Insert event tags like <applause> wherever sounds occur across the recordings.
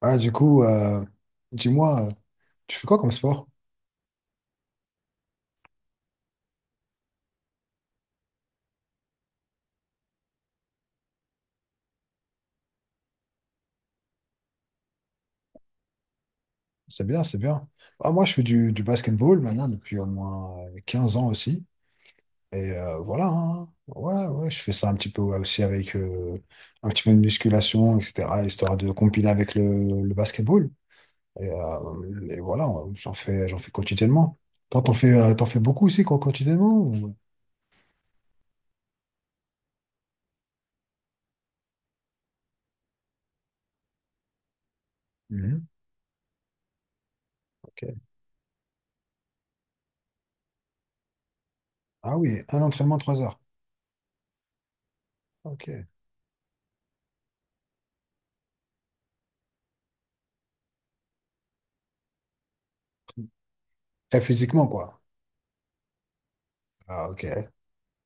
Ah, du coup, dis-moi, tu fais quoi comme sport? C'est bien, c'est bien. Ah, moi, je fais du basketball maintenant depuis au moins 15 ans aussi. Et voilà, hein. Ouais, ouais, je fais ça un petit peu, ouais, aussi avec un petit peu de musculation, etc., histoire de compiler avec le basketball. Et voilà, j'en fais quotidiennement. Toi, t'en fais beaucoup aussi, quoi, quotidiennement? Mhm, ok. Ah oui, un entraînement, 3 heures. Ok. Très physiquement, quoi. Ah, ok.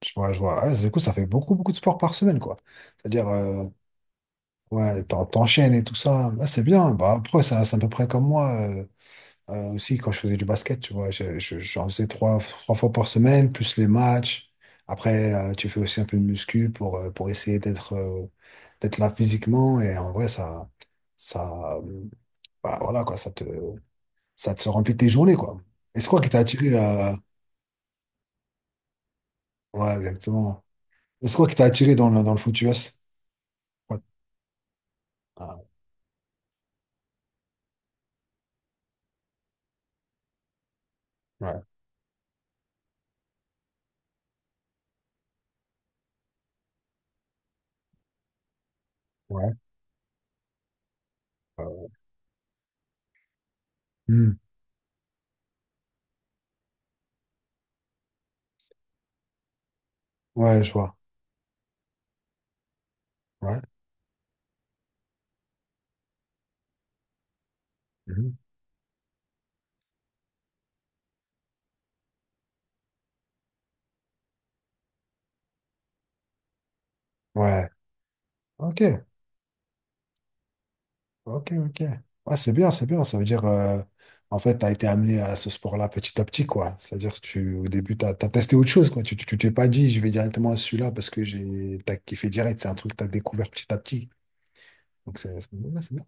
Je vois, je vois. Ouais, du coup, ça fait beaucoup, beaucoup de sport par semaine, quoi. C'est-à-dire, ouais, t'enchaînes et tout ça. Ah, c'est bien. Bah, après, c'est à peu près comme moi, aussi quand je faisais du basket, tu vois. J'en faisais trois fois par semaine, plus les matchs. Après, tu fais aussi un peu de muscu pour essayer d'être là physiquement. Et en vrai, ça, euh, bah, voilà, quoi, ça te remplit tes journées, quoi. Et c'est quoi qui t'a attiré? Ouais, exactement. Et c'est quoi qui t'a attiré dans le foot US? Ouais. Ah. Ouais, ouais, euh, Hmm. Ouais, je vois. Ouais. Mhm. Ouais. Ok, ok, ok. Ouais, c'est bien, c'est bien. Ça veut dire, en fait, tu as été amené à ce sport-là petit à petit, quoi. C'est-à-dire que tu, au début, tu as testé autre chose, quoi. Tu t'es pas dit, je vais directement à celui-là parce que t'as kiffé direct. C'est un truc que tu as découvert petit à petit. Donc, ouais, c'est bien.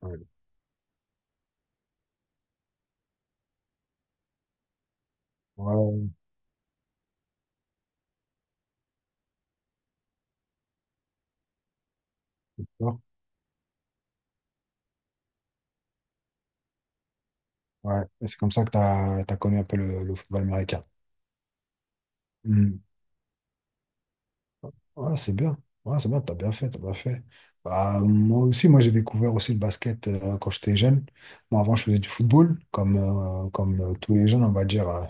Ouais, ouais, d'accord. Ouais. Et c'est comme ça que tu as connu un peu le football américain. Hmm. Ouais, c'est bien. Ouais, c'est bien, t'as bien fait, t'as bien fait. Bah, moi aussi, moi j'ai découvert aussi le basket quand j'étais jeune. Moi avant je faisais du football, comme tous les jeunes, on va dire.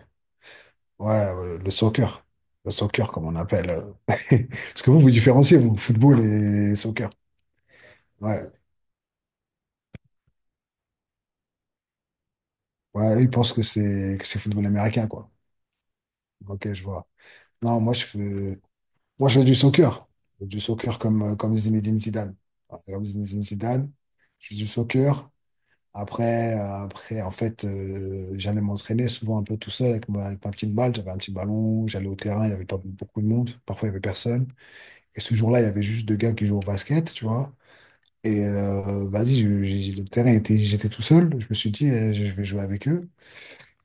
Ouais, le soccer. Le soccer, comme on appelle. <laughs> Parce que vous, vous différenciez, vous, football et soccer. Ouais. Ouais, ils pensent que c'est football américain, quoi. Ok, je vois. Non, moi je fais du soccer. Du soccer comme Zinedine Zidane. Ouais, comme Zinedine Zidane. Je fais du soccer. Après, en fait, j'allais m'entraîner souvent un peu tout seul avec ma petite balle. J'avais un petit ballon, j'allais au terrain, il y avait pas beaucoup de monde. Parfois, il y avait personne. Et ce jour-là, il y avait juste deux gars qui jouaient au basket, tu vois. Et vas-y, le terrain était, j'étais tout seul. Je me suis dit, je vais jouer avec eux,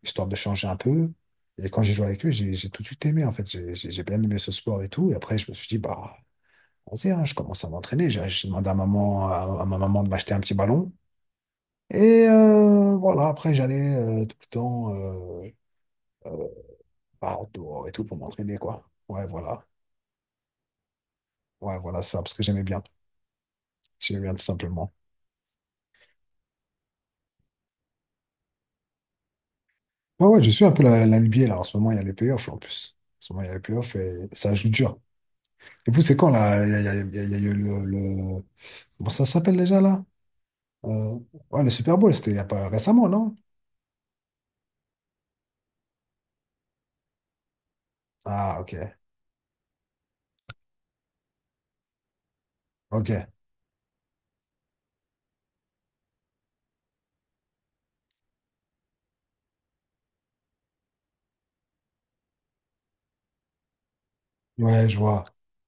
histoire de changer un peu. Et quand j'ai joué avec eux, j'ai tout de suite aimé, en fait. J'ai bien aimé ce sport et tout. Et après, je me suis dit, bah, vas-y, hein, je commence à m'entraîner. J'ai demandé à maman, à ma maman de m'acheter un petit ballon. Et voilà, après j'allais tout le temps, euh, bah, dehors et tout pour m'entraîner, quoi. Ouais, voilà. Ouais, voilà ça, parce que j'aimais bien. J'aimais bien tout simplement. Ouais, ouais, je suis un peu la NBA là. En ce moment, il y a les playoffs en plus. En ce moment, il y a les playoffs et ça joue dur. Et vous, c'est quand là? Il y a, il y a- il y a- il y a eu Comment ça s'appelle déjà là? Euh, Ouais, le Super Bowl, c'était il y a pas récemment, non? Ah, ok. Ok. Ouais, je vois.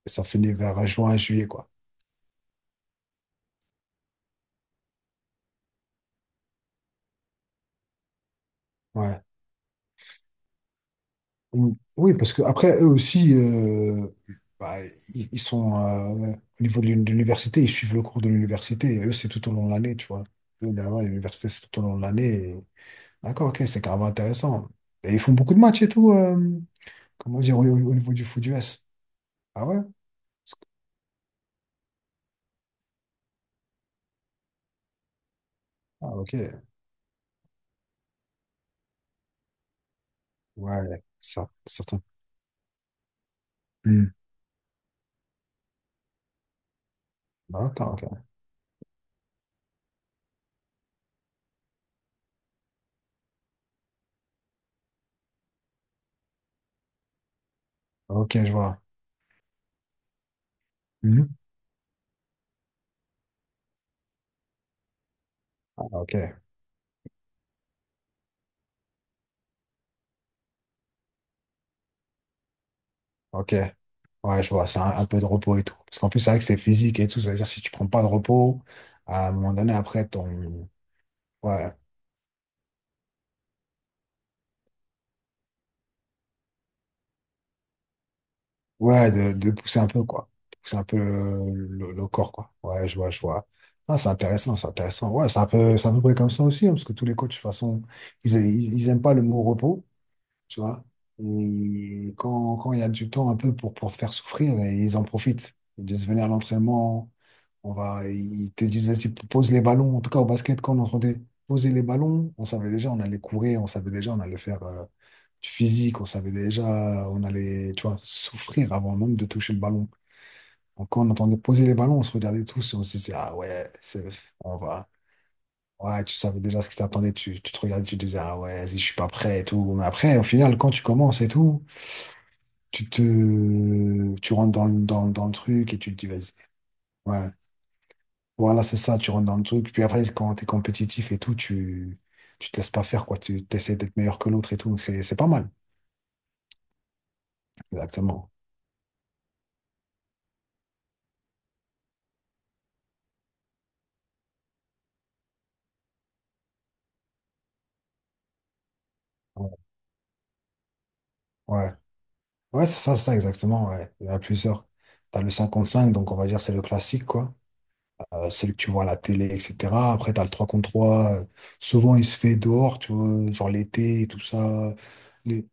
Et ça finit vers juin, juillet, quoi. Ouais. Mm. Oui, parce que après, eux aussi, bah, ils sont euh, au niveau de de l'université, ils suivent le cours de l'université, et eux, c'est tout au long de l'année, tu vois. Eux, là-bas, l'université, c'est tout au long de l'année. et- D'accord, ok, c'est carrément intéressant. Et ils font beaucoup de matchs et tout, comment dire, au niveau du foot U S. Ah ouais? Ah, ok. Ouais, ça, certain. Mm. D'accord, ok. Ok, je vois. Mhm. Ah, ok, ok. Ouais, je vois, c'est un peu de repos et tout. Parce qu'en plus, c'est vrai que c'est physique et tout. C'est-à-dire, si tu prends pas de repos, à un moment donné, après, ton. Ouais, ouais, de pousser un peu, quoi. De pousser un peu le corps, quoi. Ouais, je vois, je vois. Ah, c'est intéressant, c'est intéressant. Ouais, c'est un peu, c'est à peu près comme ça aussi, hein, parce que tous les coachs, de toute façon, ils aiment pas le mot repos, tu vois. Et quand il y a du temps un peu pour te faire souffrir, ils en profitent. Ils disent venir à l'entraînement. On va, ils te disent, vas-y, pose les ballons. En tout cas, au basket, quand on entendait poser les ballons, on savait déjà, on allait courir, on savait déjà, on allait faire du physique, on savait déjà, on allait, tu vois, souffrir avant même de toucher le ballon. Donc, quand on entendait poser les ballons, on se regardait tous et on se disait, ah ouais, c'est, on va. Ouais, tu savais déjà ce qui t'attendait, tu te regardais, tu te disais, ah ouais, vas-y, je suis pas prêt et tout. Bon, mais après, au final, quand tu commences et tout, tu rentres dans le truc et tu te dis, vas-y. Ouais, voilà, c'est ça, tu rentres dans le truc. Puis après, quand t'es compétitif et tout, tu te laisses pas faire, quoi. Tu essaies d'être meilleur que l'autre et tout. C'est pas mal. Exactement. Ouais. Ouais, c'est ça, exactement. Ouais. Il y en a plusieurs. T'as le 5 contre cinq, donc on va dire c'est le classique, quoi. Celui que tu vois à la télé, etc. Après, t'as le 3 contre trois, souvent, il se fait dehors, tu vois, genre l'été et tout ça. Les-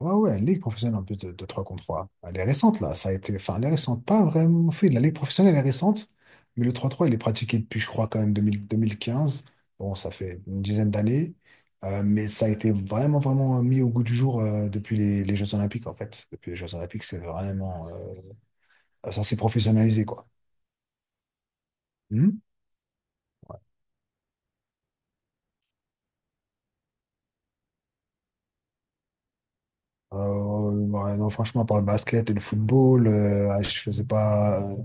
Ouais, ouais, ligue professionnelle en plus de 3 contre trois. Elle est récente là, ça a été. Enfin, elle est récente, pas vraiment en fait. La Ligue professionnelle elle est récente, mais le 3 trois, il est pratiqué depuis, je crois, quand même 2000 2015. Bon, ça fait une dizaine d'années. Mais ça a été vraiment, vraiment mis au goût du jour, depuis les Jeux Olympiques en fait. Depuis les Jeux Olympiques, c'est vraiment, ça s'est professionnalisé, quoi. Hmm. Ouais, non, franchement, par le basket et le football, ouais, je faisais pas.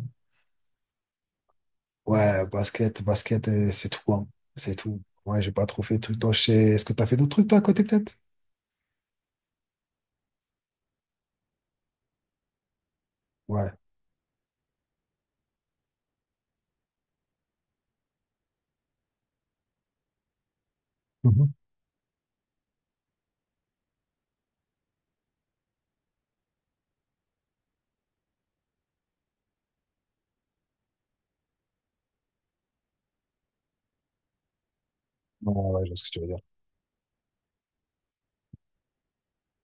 Ouais, basket, basket, c'est tout, hein. C'est tout. Ouais, j'ai pas trop fait de trucs. Toi, je sais... Est-ce que t'as fait d'autres trucs, toi, à côté, peut-être? Ouais. Mhm. Ouais, ouais, je vois ce que tu veux dire.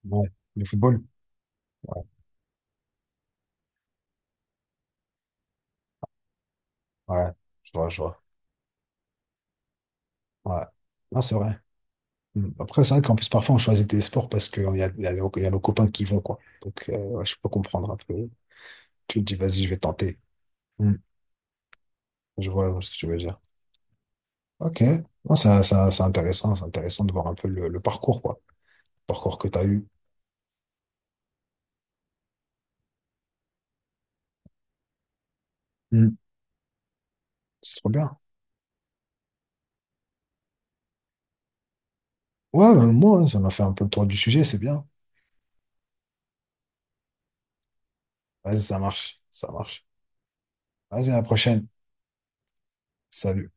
Ouais. Le football? Ouais. Ouais. Je vois, je vois. Ouais. Non, c'est vrai. Mm. Après, c'est vrai qu'en plus, parfois, on choisit des sports parce qu'il y a nos copains qui vont, quoi. Donc, ouais, je peux comprendre un peu. Tu te dis, vas-y, je vais tenter. Mm. Je vois ce que tu veux dire. Ok. Non, c'est intéressant. C'est intéressant de voir un peu le parcours, quoi. Le parcours que t'as eu. Mm. C'est trop bien. Ouais, ben, moi, hein, ça m'a fait un peu le tour du sujet, c'est bien. Vas-y, ça marche, ça marche. Vas-y, à la prochaine. Salut.